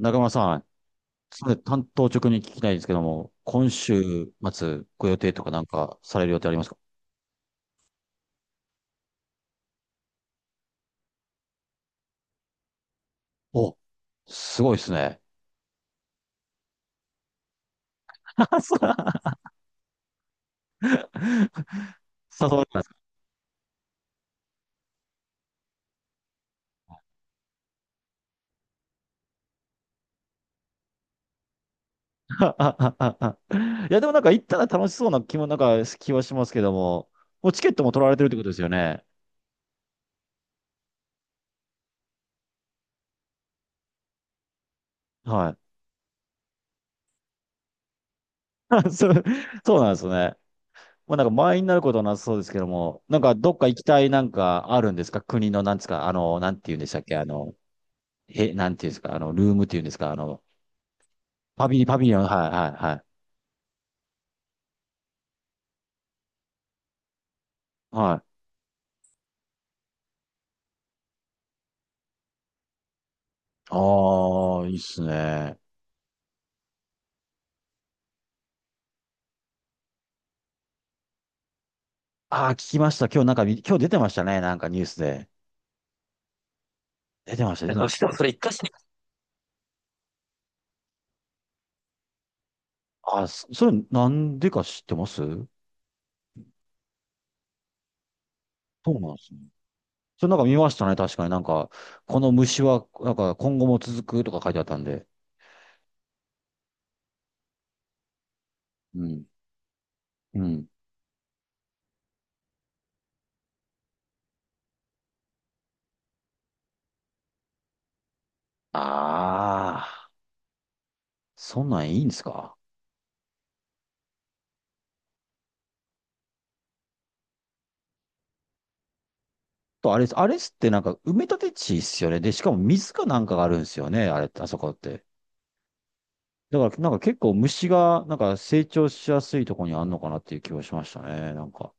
中村さん、それ担当直に聞きたいんですけども、今週末ご予定とかなんかされる予定ありますか？お、すごいですね。そう誘われますか？ いや、でもなんか行ったら楽しそうな気も、なんか気はしますけども、もうチケットも取られてるってことですよね。はい。そう、そうなんですね。まあなんか満員になることはなさそうですけども、なんかどっか行きたいなんかあるんですか？国のなんですか？あの、なんて言うんでしたっけ？あの、へ、なんて言うんですか？あの、ルームっていうんですか？あの、パビリオン、はい、はい、はい。はい。ああ、いいっすね。ああ、聞きました。今日なんか、今日出てましたね。なんかニュースで。出てました、出てましした。それ一回しに、ああ、そそれなんでか知ってます？そうなんですね。それなんか見ましたね。確かになんか、この虫は、なんか今後も続くとか書いてあったんで。うん。うん。ああ、そんなんいいんですか？と、あれ、あれっすってなんか埋め立て地っすよね。で、しかも水かなんかがあるんですよね。あれ、あそこって。だから、なんか結構虫が、なんか成長しやすいところにあんのかなっていう気はしましたね。なんか。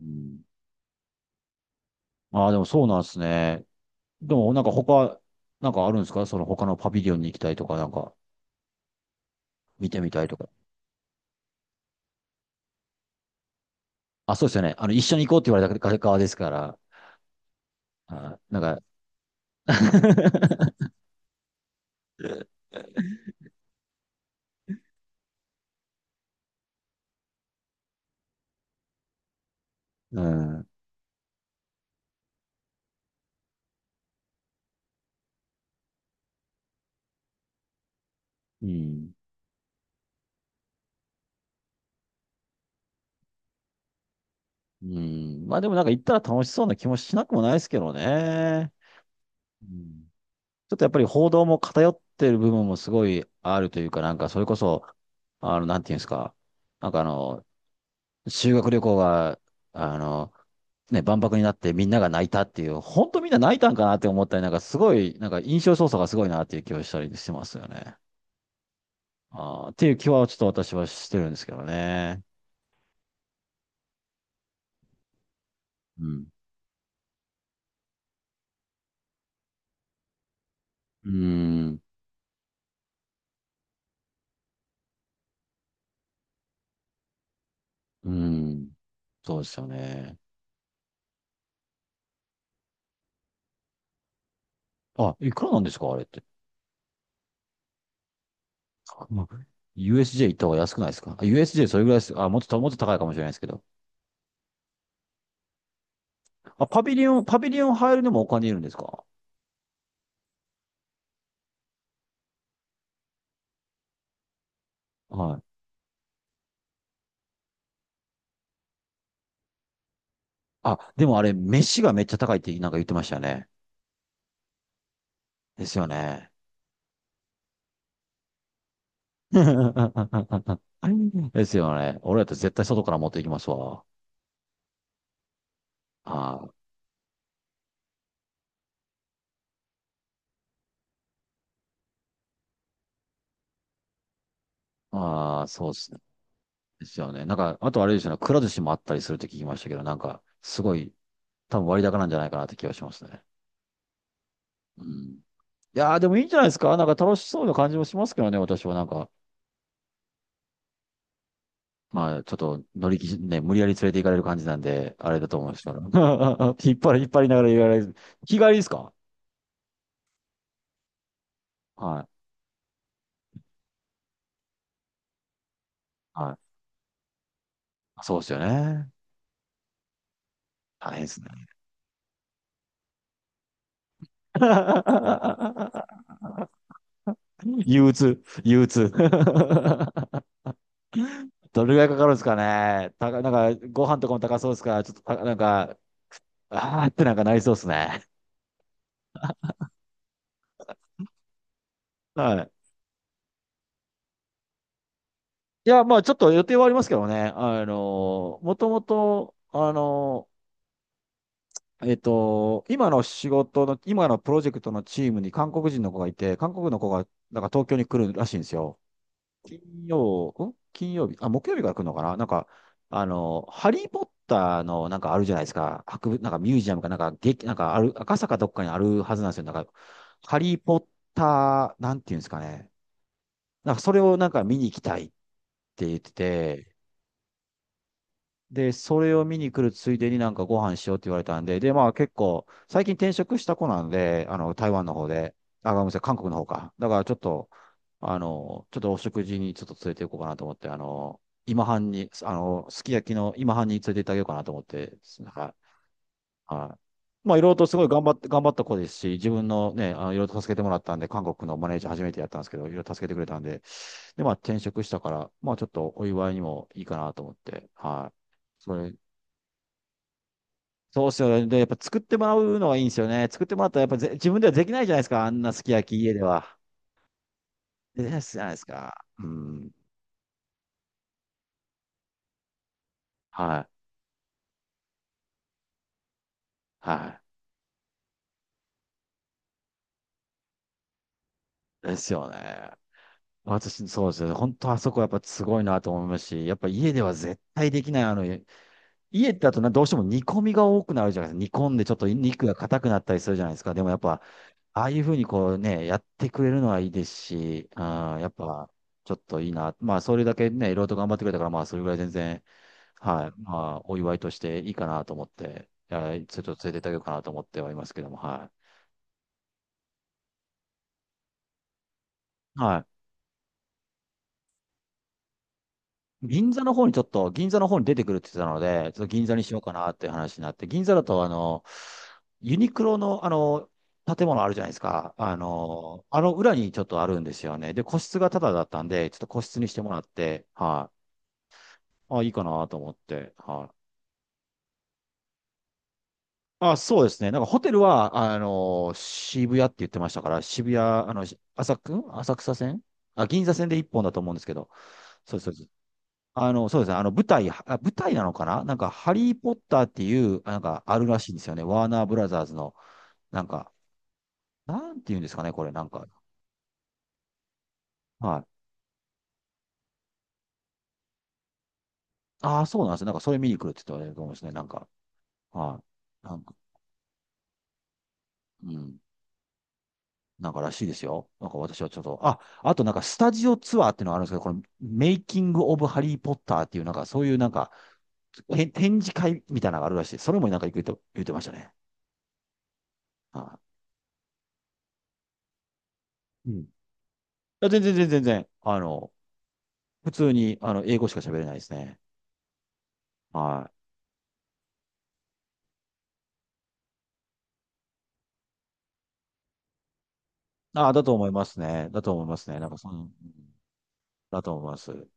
うん。ああ、でもそうなんですね。でも、なんか他、なんかあるんですか？その他のパビリオンに行きたいとか、なんか見てみたいとか。あ、そうですよね。あの、一緒に行こうって言われたから側ですから。あ、なんか うん。うん。うん。まあでもなんか行ったら楽しそうな気もしなくもないですけどね。うん。ちょっとやっぱり報道も偏ってる部分もすごいあるというか、なんかそれこそ、あの、なんていうんですか、なんかあの、修学旅行が、あの、ね、万博になってみんなが泣いたっていう、本当みんな泣いたんかなって思ったり、なんかすごい、なんか印象操作がすごいなっていう気はしたりしてますよね。あーっていう気はちょっと私はしてるんですけどね。うん。うーん。うーん。そうですよね。あ、いくらなんですかあれって？まあ USJ 行った方が安くないですかあ？ USJ それぐらいです。あ、もっと、もっと高いかもしれないですけど。あ、パビリオン、パビリオン入るのもお金いるんですか？はい。あ、でもあれ、飯がめっちゃ高いってなんか言ってましたね。ですよね。ですよね。俺だって絶対外から持っていきますわ。ああ、ああ、そうですね。ですよね。なんか、あとあれですよね。くら寿司もあったりするって聞きましたけど、なんか、すごい、多分割高なんじゃないかなって気がしますね。うん。いやー、でもいいんじゃないですか。なんか楽しそうな感じもしますけどね、私はなんか。まあ、ちょっと乗り気、ね、無理やり連れて行かれる感じなんで、あれだと思うんですけど。引っ張りながら言われる。日帰りですか？はい。はい。そうですよね。大変ですね。憂鬱、憂鬱。どれぐらいかかるんですかね。なんか、ご飯とかも高そうですから、ちょっとなんか、あーってなんかなりそうですね。はい。いや、まあ、ちょっと予定はありますけどね。あの、もともと、あの、今の仕事の、今のプロジェクトのチームに韓国人の子がいて、韓国の子が、なんか東京に来るらしいんですよ。金金曜日、あ、木曜日から来るのかな、なんか、あの、ハリーポッターのなんかあるじゃないですか。なんかミュージアムかなんか、なんかある、赤坂どっかにあるはずなんですよ。なんか、ハリーポッター、なんていうんですかね。なんかそれをなんか見に行きたいって言ってて、で、それを見に来るついでになんかご飯しようって言われたんで、で、まあ結構、最近転職した子なんで、あの、台湾の方で、あ、ごめんなさい、韓国の方か。だからちょっと、あの、ちょっとお食事にちょっと連れて行こうかなと思って、あの、今半に、あの、すき焼きの今半に連れて行ってあげようかなと思って、はい。はい。まあいろいろとすごい頑張って、頑張った子ですし、自分のね、あの、いろいろと助けてもらったんで、韓国のマネージャー初めてやったんですけど、いろいろ助けてくれたんで、で、まあ転職したから、まあちょっとお祝いにもいいかなと思って、はい。それそうっすよね。で、やっぱ作ってもらうのがいいんですよね。作ってもらったらやっぱぜ自分ではできないじゃないですか。あんなすき焼き家では。できないじゃないですか。うん。はい。はい。ですよね。私、そうですよね。本当あそこやっぱすごいなと思いますし、やっぱ家では絶対できない。あの、家だとなどうしても煮込みが多くなるじゃないですか。煮込んでちょっと肉が硬くなったりするじゃないですか。でもやっぱ、ああいうふうにこうね、やってくれるのはいいですし、うん、やっぱ、ちょっといいな。まあ、それだけね、いろいろと頑張ってくれたから、まあ、それぐらい全然、はい。まあ、お祝いとしていいかなと思って、いやちょっと連れてってあげようかなと思ってはいますけども、はい。はい。銀座の方に出てくるって言ってたので、ちょっと銀座にしようかなっていう話になって、銀座だと、あの、ユニクロの、あの、建物あるじゃないですか。あの、あの裏にちょっとあるんですよね。で、個室がタダだったんで、ちょっと個室にしてもらって、はい。あ、いいかなと思って、はい。あ、そうですね。なんかホテルは、あの、渋谷って言ってましたから、渋谷、あの、浅草線、あ、銀座線で一本だと思うんですけど、そうです、そうです。あの、そうですね。あの、舞台、あ、舞台なのかな、なんか、ハリー・ポッターっていう、なんか、あるらしいんですよね。ワーナー・ブラザーズの、なんか、なんて言うんですかね、これ、なんか。はい。ああ、そうなんですよ。なんか、それ見に来るって言ってたと思うんですね。なんか、はい。なんか、うん。なんからしいですよ。なんか私はちょっと、あ、あとなんかスタジオツアーっていうのがあるんですけど、このメイキング・オブ・ハリー・ポッターっていう、なんかそういうなんか、へ展示会みたいなのがあるらしい。それもなんか言って言ってましたね。はい。うん。いや全然全然全然、あの、普通に、あの、英語しか喋れないですね。はい。ああ、だと思いますね。だと思いますね。なんかその、うんだと思います。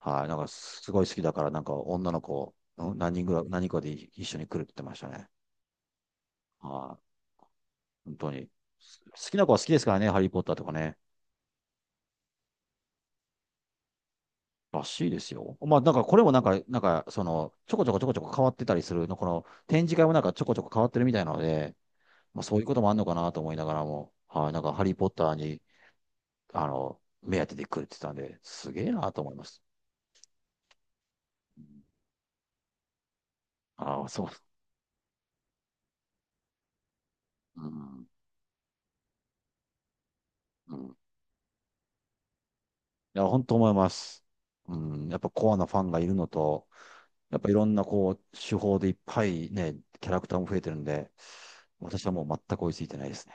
はい。なんかすごい好きだから、なんか女の子、うん何人ぐらい、何人かで一緒に来るって言ってましたね。はい。本当に。好きな子は好きですからね、ハリー・ポッターとかね。らしいですよ。まあ、なんかこれもなんか、その、ちょこちょこちょこちょこ変わってたりするの、この展示会もなんかちょこちょこ変わってるみたいなので、まあ、そういうこともあるのかなと思いながらも、はい、なんかハリー・ポッターに、あの、目当てで来るって言ってたんで、すげえなと思います。ああ、そう。うん。うん。いや、本当思います。うん、やっぱコアなファンがいるのと、やっぱいろんなこう、手法でいっぱいね、キャラクターも増えてるんで、私はもう全く追いついてないですね。